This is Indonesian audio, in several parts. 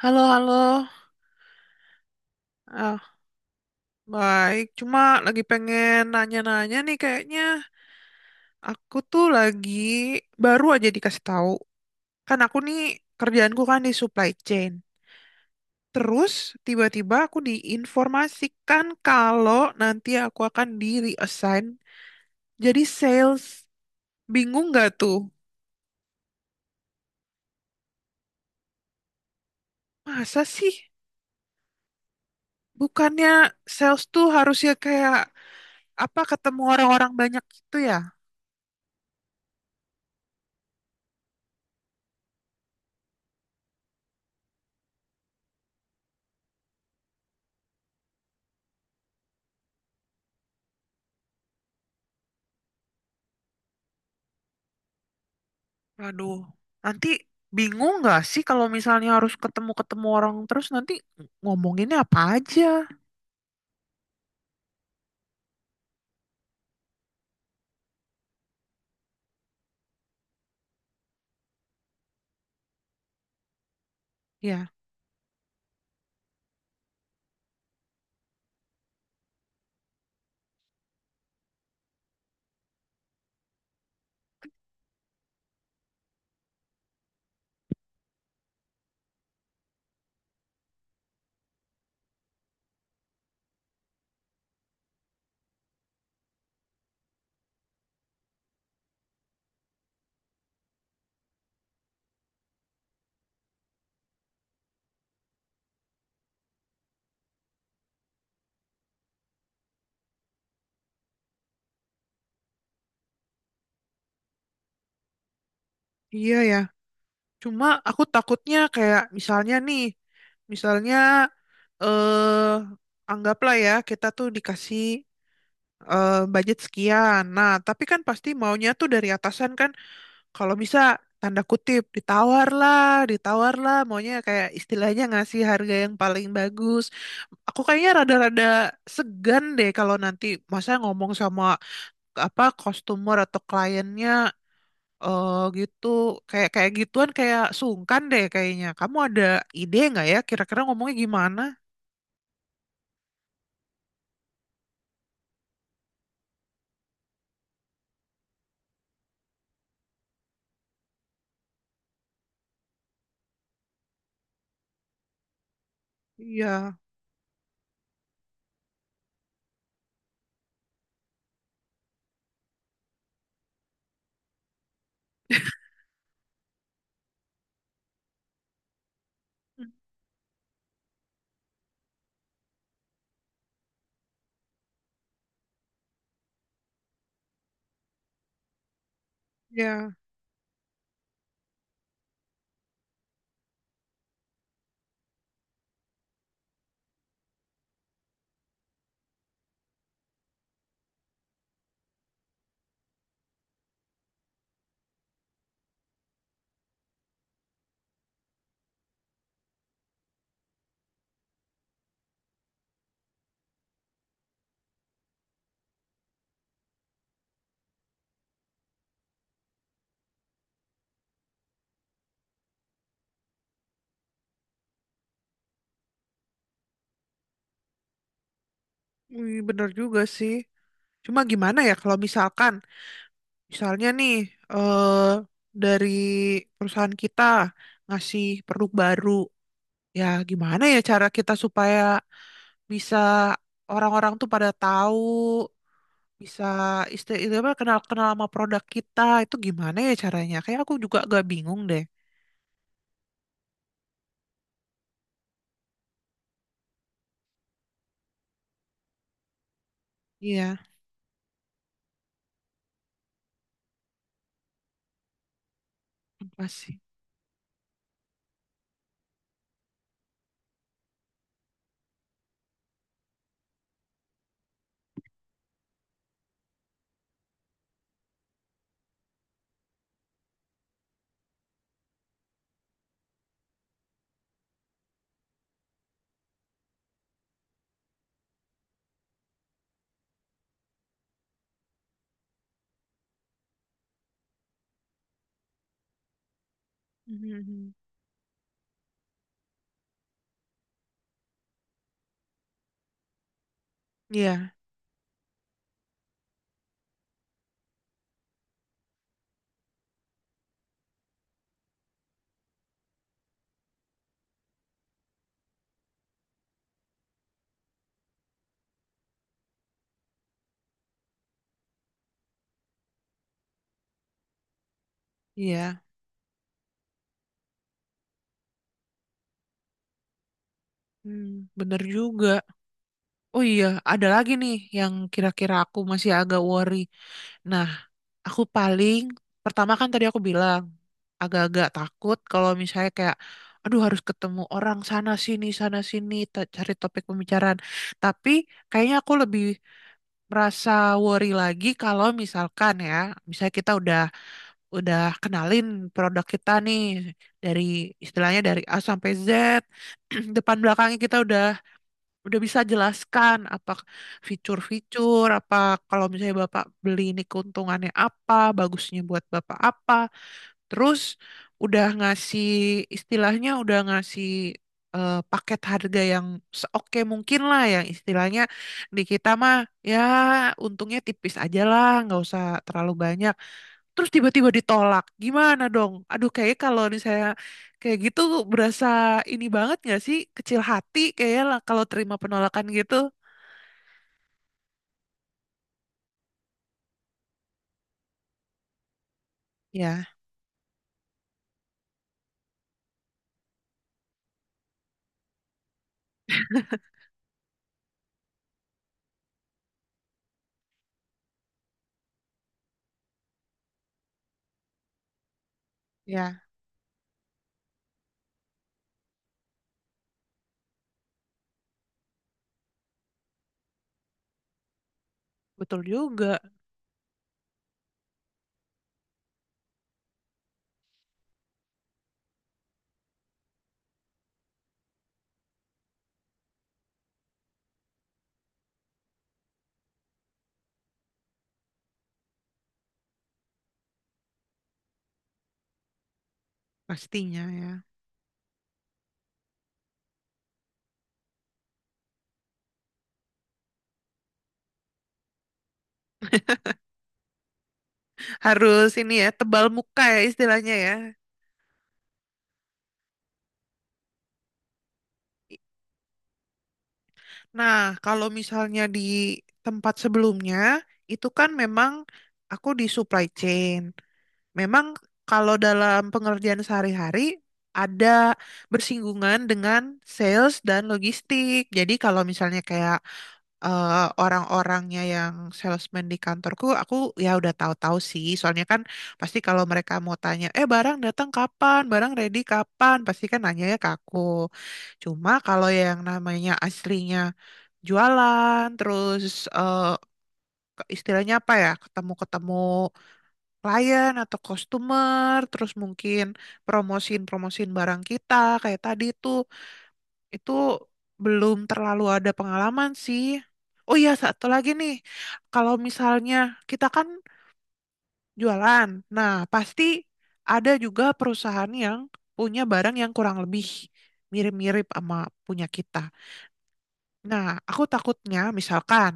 Halo, halo. Ah, Baik. Cuma lagi pengen nanya-nanya nih kayaknya. Aku tuh lagi baru aja dikasih tahu. Kan aku nih kerjaanku kan di supply chain. Terus tiba-tiba aku diinformasikan kalau nanti aku akan di reassign jadi sales. Bingung nggak tuh? Masa sih? Bukannya sales tuh harusnya kayak apa ketemu orang-orang banyak gitu ya? Waduh, nanti bingung nggak sih kalau misalnya harus ketemu-ketemu orang terus nanti ngomonginnya apa aja? Ya, iya ya. Cuma aku takutnya kayak misalnya nih, misalnya anggaplah ya kita tuh dikasih budget sekian. Nah, tapi kan pasti maunya tuh dari atasan kan, kalau bisa tanda kutip ditawar lah, maunya kayak istilahnya ngasih harga yang paling bagus. Aku kayaknya rada-rada segan deh kalau nanti masa ngomong sama apa customer atau kliennya gitu, kayak kayak gituan, kayak sungkan deh kayaknya. Kamu ada ide nggak ya kira-kira ngomongnya gimana? Iya, ya, bener juga sih. Cuma gimana ya kalau misalkan, misalnya nih eh dari perusahaan kita ngasih produk baru, ya gimana ya cara kita supaya bisa orang-orang tuh pada tahu, bisa itu apa kenal-kenal sama produk kita itu gimana ya caranya? Kayak aku juga gak bingung deh. Iya, apa sih? Mhm. Iya, iya. Hmm, bener juga. Oh iya, ada lagi nih yang kira-kira aku masih agak worry. Nah, aku paling pertama kan tadi aku bilang agak-agak takut kalau misalnya kayak aduh harus ketemu orang sana sini cari topik pembicaraan. Tapi kayaknya aku lebih merasa worry lagi kalau misalkan ya, misalnya kita udah udah kenalin produk kita nih dari istilahnya dari A sampai Z, depan belakangnya kita udah bisa jelaskan apa fitur-fitur, apa kalau misalnya Bapak beli ini keuntungannya apa, bagusnya buat Bapak apa. Terus udah ngasih istilahnya udah ngasih paket harga yang seoke mungkin lah, yang istilahnya di kita mah ya untungnya tipis aja lah, nggak usah terlalu banyak, terus tiba-tiba ditolak gimana dong, aduh, kayak kalau misalnya kayak gitu berasa ini banget gak sih, kecil hati kayak lah kalau terima penolakan gitu. Ya, ya, betul juga. Pastinya ya, harus ini ya, tebal muka ya istilahnya ya. Nah, kalau misalnya di tempat sebelumnya itu kan memang aku di supply chain. Memang kalau dalam pengerjaan sehari-hari ada bersinggungan dengan sales dan logistik. Jadi kalau misalnya kayak eh, orang-orangnya yang salesman di kantorku, aku ya udah tahu-tahu sih. Soalnya kan pasti kalau mereka mau tanya, eh barang datang kapan, barang ready kapan, pasti kan nanyanya ke aku. Cuma kalau yang namanya aslinya jualan, terus eh, istilahnya apa ya, ketemu-ketemu klien atau customer, terus mungkin promosiin-promosiin barang kita kayak tadi tuh. Itu belum terlalu ada pengalaman sih. Oh iya, satu lagi nih. Kalau misalnya kita kan jualan, nah pasti ada juga perusahaan yang punya barang yang kurang lebih mirip-mirip sama punya kita. Nah, aku takutnya misalkan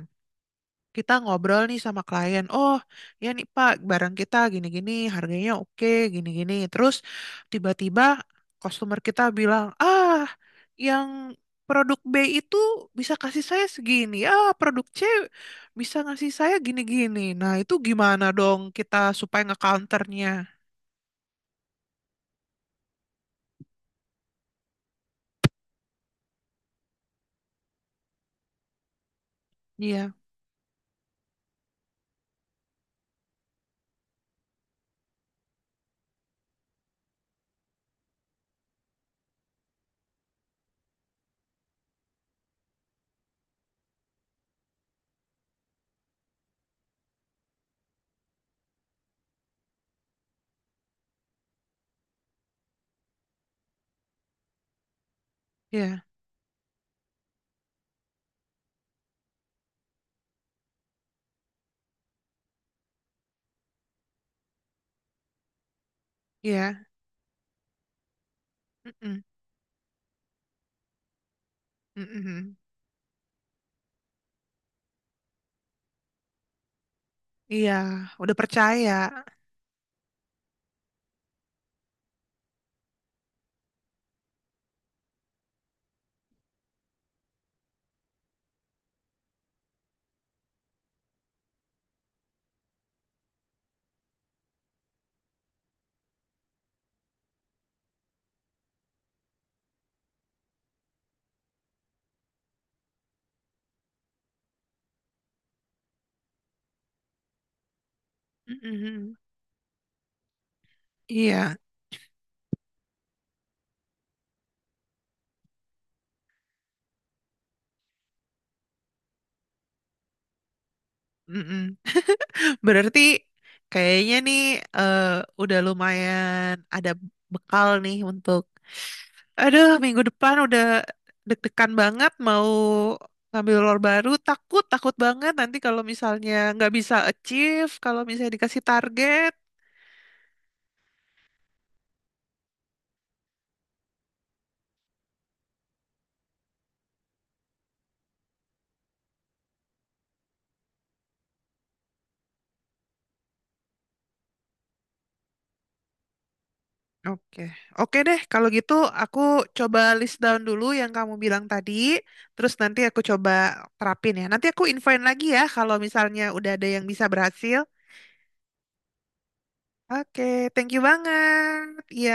kita ngobrol nih sama klien, oh ya nih Pak, barang kita gini-gini, harganya oke, gini-gini. Terus tiba-tiba customer kita bilang, ah yang produk B itu bisa kasih saya segini, ah produk C bisa ngasih saya gini-gini. Nah itu gimana dong kita supaya ngecounternya? Iya, iya, iya. Mm-mm, mm-mm. Iya, udah percaya. Mm-mm. Iya, mm-mm. Berarti kayaknya nih eh, udah lumayan ada bekal nih untuk, aduh, minggu depan udah deg-degan banget mau ngambil lor baru, takut takut banget nanti kalau misalnya nggak bisa achieve kalau misalnya dikasih target. Oke, oke deh kalau gitu aku coba list down dulu yang kamu bilang tadi, terus nanti aku coba terapin ya. Nanti aku infoin lagi ya kalau misalnya udah ada yang bisa berhasil. Oke, thank you banget. Ya.